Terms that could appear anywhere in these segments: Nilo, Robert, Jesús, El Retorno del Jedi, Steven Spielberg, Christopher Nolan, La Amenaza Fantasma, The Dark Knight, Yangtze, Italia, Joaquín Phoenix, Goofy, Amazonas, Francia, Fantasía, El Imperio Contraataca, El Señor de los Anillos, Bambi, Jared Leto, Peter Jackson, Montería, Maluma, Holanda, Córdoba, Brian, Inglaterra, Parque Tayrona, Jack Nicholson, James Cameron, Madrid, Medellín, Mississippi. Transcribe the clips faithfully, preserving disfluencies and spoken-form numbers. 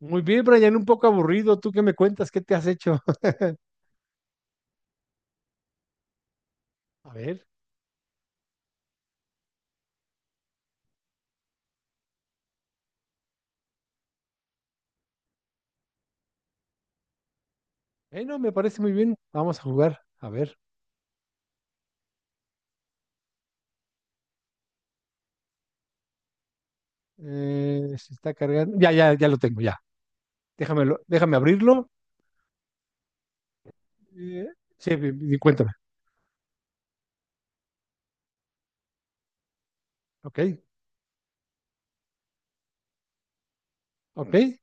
Muy bien, Brian, un poco aburrido. ¿Tú qué me cuentas? ¿Qué te has hecho? A ver. Bueno, me parece muy bien. Vamos a jugar. A ver. Eh, se está cargando. Ya, ya, ya lo tengo, ya. Déjamelo, déjame abrirlo. Eh, sí, di- di- cuéntame. Ok, ok.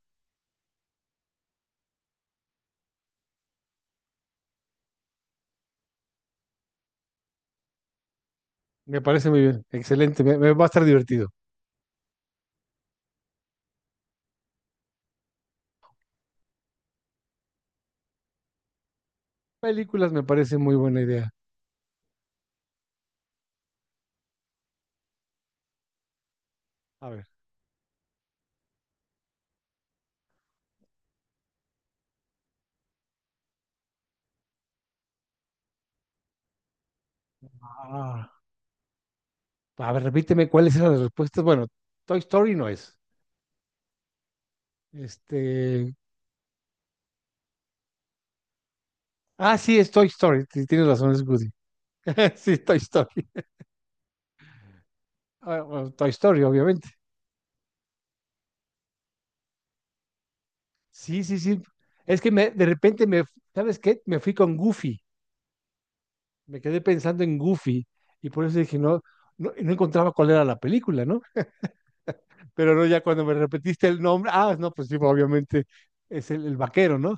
Me parece muy bien. Excelente. Me, me va a estar divertido. Películas me parece muy buena idea. A ver. Ah, a ver, repíteme cuáles eran las respuestas. Bueno, Toy Story no es. Este. Ah, sí, es Toy Story. Sí, tienes razón, es Woody. Sí, Toy Story. Ah, bueno, Toy Story, obviamente. Sí, sí, sí. Es que me, de repente me, ¿sabes qué? Me fui con Goofy. Me quedé pensando en Goofy y por eso dije, no, no, no encontraba cuál era la película, ¿no? Pero no, ya cuando me repetiste el nombre, ah, no, pues sí, obviamente es el, el vaquero, ¿no?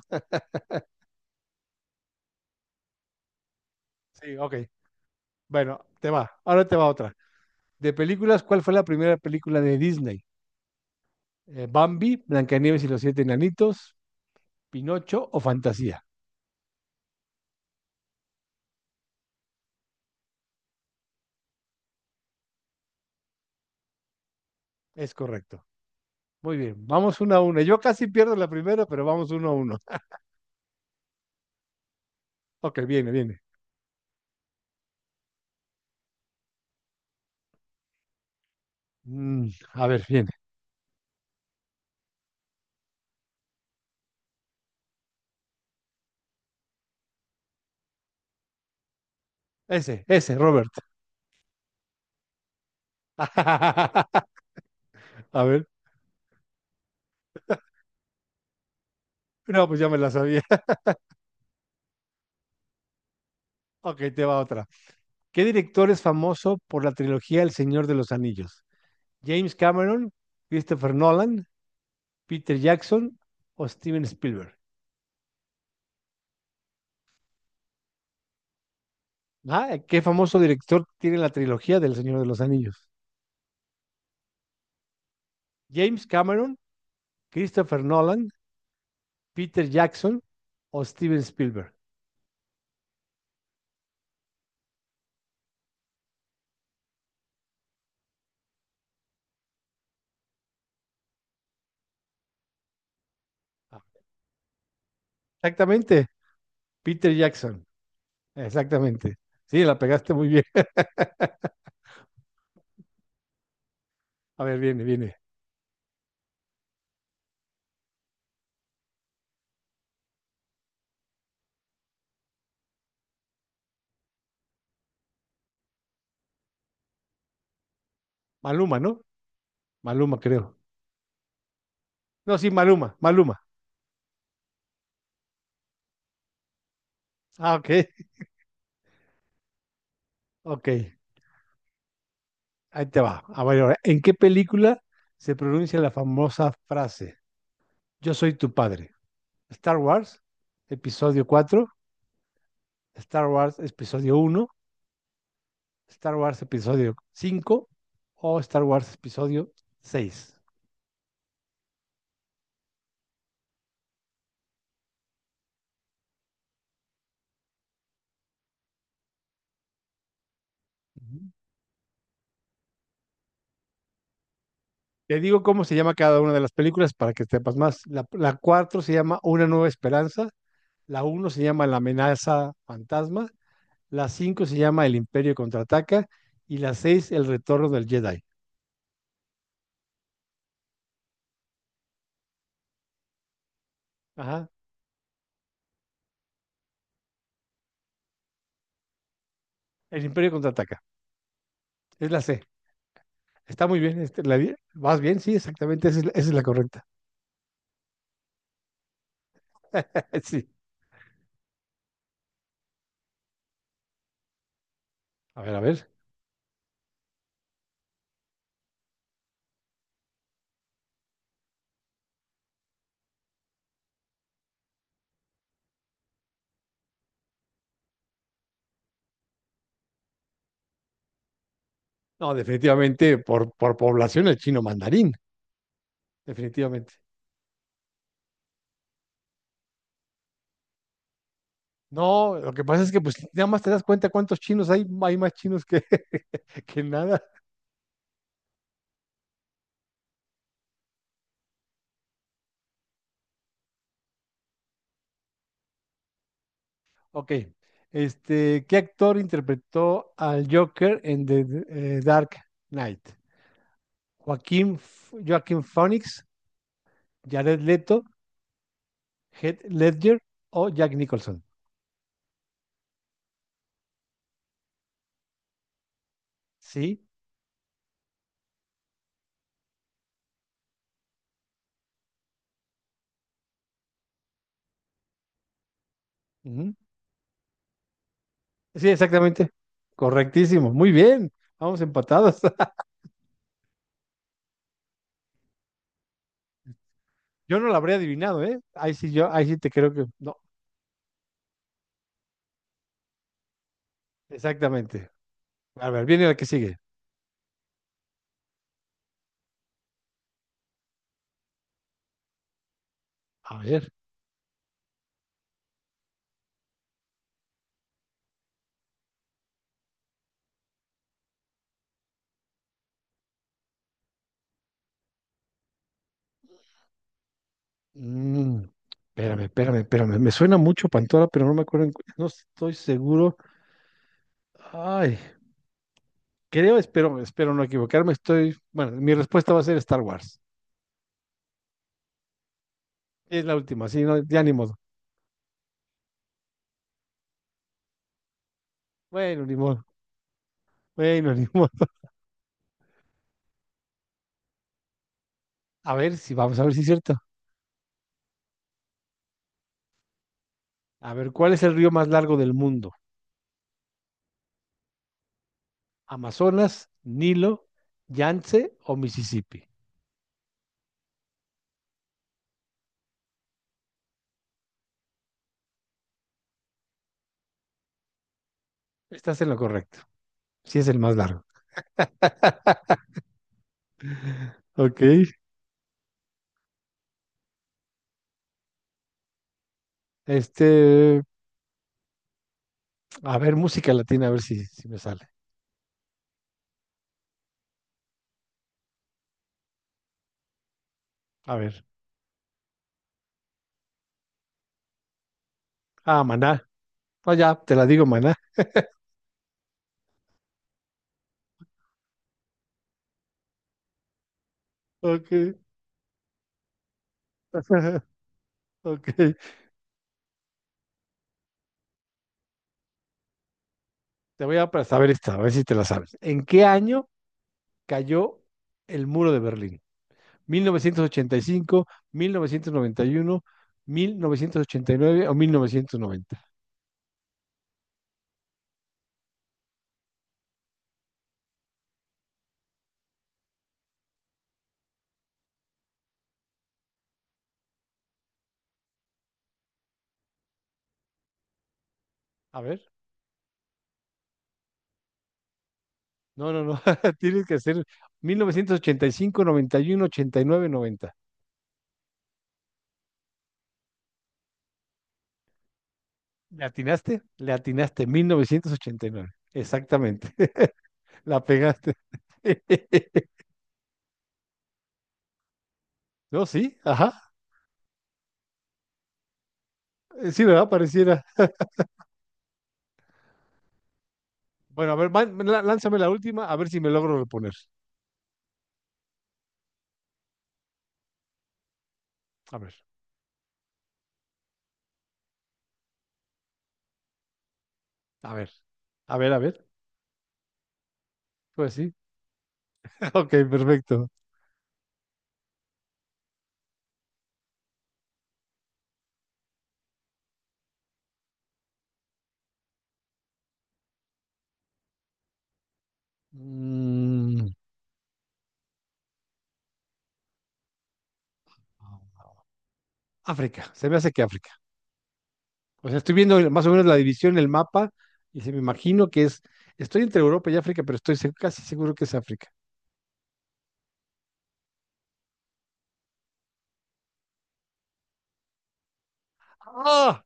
Sí, ok. Bueno, te va. Ahora te va otra. De películas, ¿cuál fue la primera película de Disney? Eh, Bambi, Blancanieves y los siete enanitos, Pinocho o Fantasía. Es correcto. Muy bien, vamos uno a uno. Yo casi pierdo la primera, pero vamos uno a uno. Ok, viene, viene. Mm, a ver, viene. Ese, ese, Robert. A ver. No, pues ya me la sabía. Ok, te va otra. ¿Qué director es famoso por la trilogía El Señor de los Anillos? ¿James Cameron, Christopher Nolan, Peter Jackson o Steven Spielberg? Ah, ¿qué famoso director tiene la trilogía del Señor de los Anillos? ¿James Cameron, Christopher Nolan, Peter Jackson o Steven Spielberg? Ah, exactamente. Peter Jackson, exactamente. Sí, la pegaste muy bien. A ver, viene, viene. Maluma, ¿no? Maluma, creo. No, sí, Maluma, Maluma. Ah, ok, ok. Ahí te va. A ver, ahora, ¿en qué película se pronuncia la famosa frase Yo soy tu padre? Star Wars, episodio cuatro. Star Wars, episodio uno. Star Wars, episodio cinco. O Star Wars, episodio seis. Te digo cómo se llama cada una de las películas para que sepas más. La, la cuatro se llama Una Nueva Esperanza, la uno se llama La Amenaza Fantasma, la cinco se llama El Imperio Contraataca y la seis El Retorno del Jedi. Ajá, El Imperio Contraataca, es la C. Está muy bien, este, la di- ¿vas bien? Sí, exactamente, esa es, la- esa es la correcta. Sí, a ver, a ver. No, definitivamente por, por población el chino mandarín, definitivamente. No, lo que pasa es que pues nada más te das cuenta cuántos chinos hay, hay más chinos que, que nada. Ok, este, ¿qué actor interpretó al Joker en The eh, Dark Knight? Joaquín, F- Joaquín Phoenix, Jared Leto, Heath Ledger o Jack Nicholson. Sí, ujú. Sí, exactamente. Correctísimo. Muy bien. Vamos empatados. Yo no lo habría adivinado, ¿eh? Ahí sí yo, ahí sí te creo que no. Exactamente. A ver, viene la que sigue. A ver. Mm, espérame, espérame, espérame. Me suena mucho Pantora, pero no me acuerdo, en cu- no estoy seguro. Ay, creo, espero, espero no equivocarme. Estoy, bueno, mi respuesta va a ser Star Wars. Es la última, sí, no, ya ni modo. Bueno, ni modo. Bueno, ni modo. A ver si vamos a ver si es cierto. A ver, ¿cuál es el río más largo del mundo? ¿Amazonas, Nilo, Yangtze o Mississippi? Estás en lo correcto. Sí es el más largo. Ok. Este, a ver, música latina, a ver si, si me sale. A ver. Ah, Maná. No, ya te la digo, Maná. Ok. Ok. Te voy a para saber esta, a ver si te la sabes. ¿En qué año cayó el muro de Berlín? ¿mil novecientos ochenta y cinco, mil novecientos noventa y uno, mil novecientos ochenta y nueve o mil novecientos noventa? A ver. No, no, no. Tienes que hacer mil novecientos ochenta y cinco, noventa y uno, ochenta y nueve, noventa. ¿Le atinaste? Le atinaste mil novecientos ochenta y nueve. Exactamente. La pegaste. No, sí, ajá. Sí, ¿verdad? Pareciera. Bueno, a ver, man- la- lánzame la última, a ver si me logro reponer. A ver, a ver, a ver, a ver. Pues sí. Ok, perfecto. Mm, África, se me hace que África. O sea, estoy viendo más o menos la división, el mapa, y se me imagino que es, estoy entre Europa y África, pero estoy se- casi seguro que es África. ¡Ah!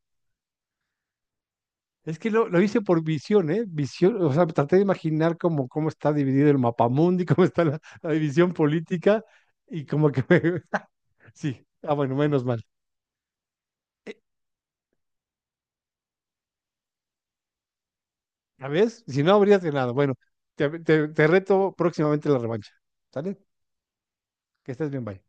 Es que lo, lo hice por visión, ¿eh? Visión, o sea, traté de imaginar cómo, cómo está dividido el mapamundi, cómo está la, la división política, y como que me- Sí, ah, bueno, menos mal. ¿Ya ves? Si no habrías ganado. Bueno, te, te te reto próximamente en la revancha. ¿Sale? Que estés bien, bye.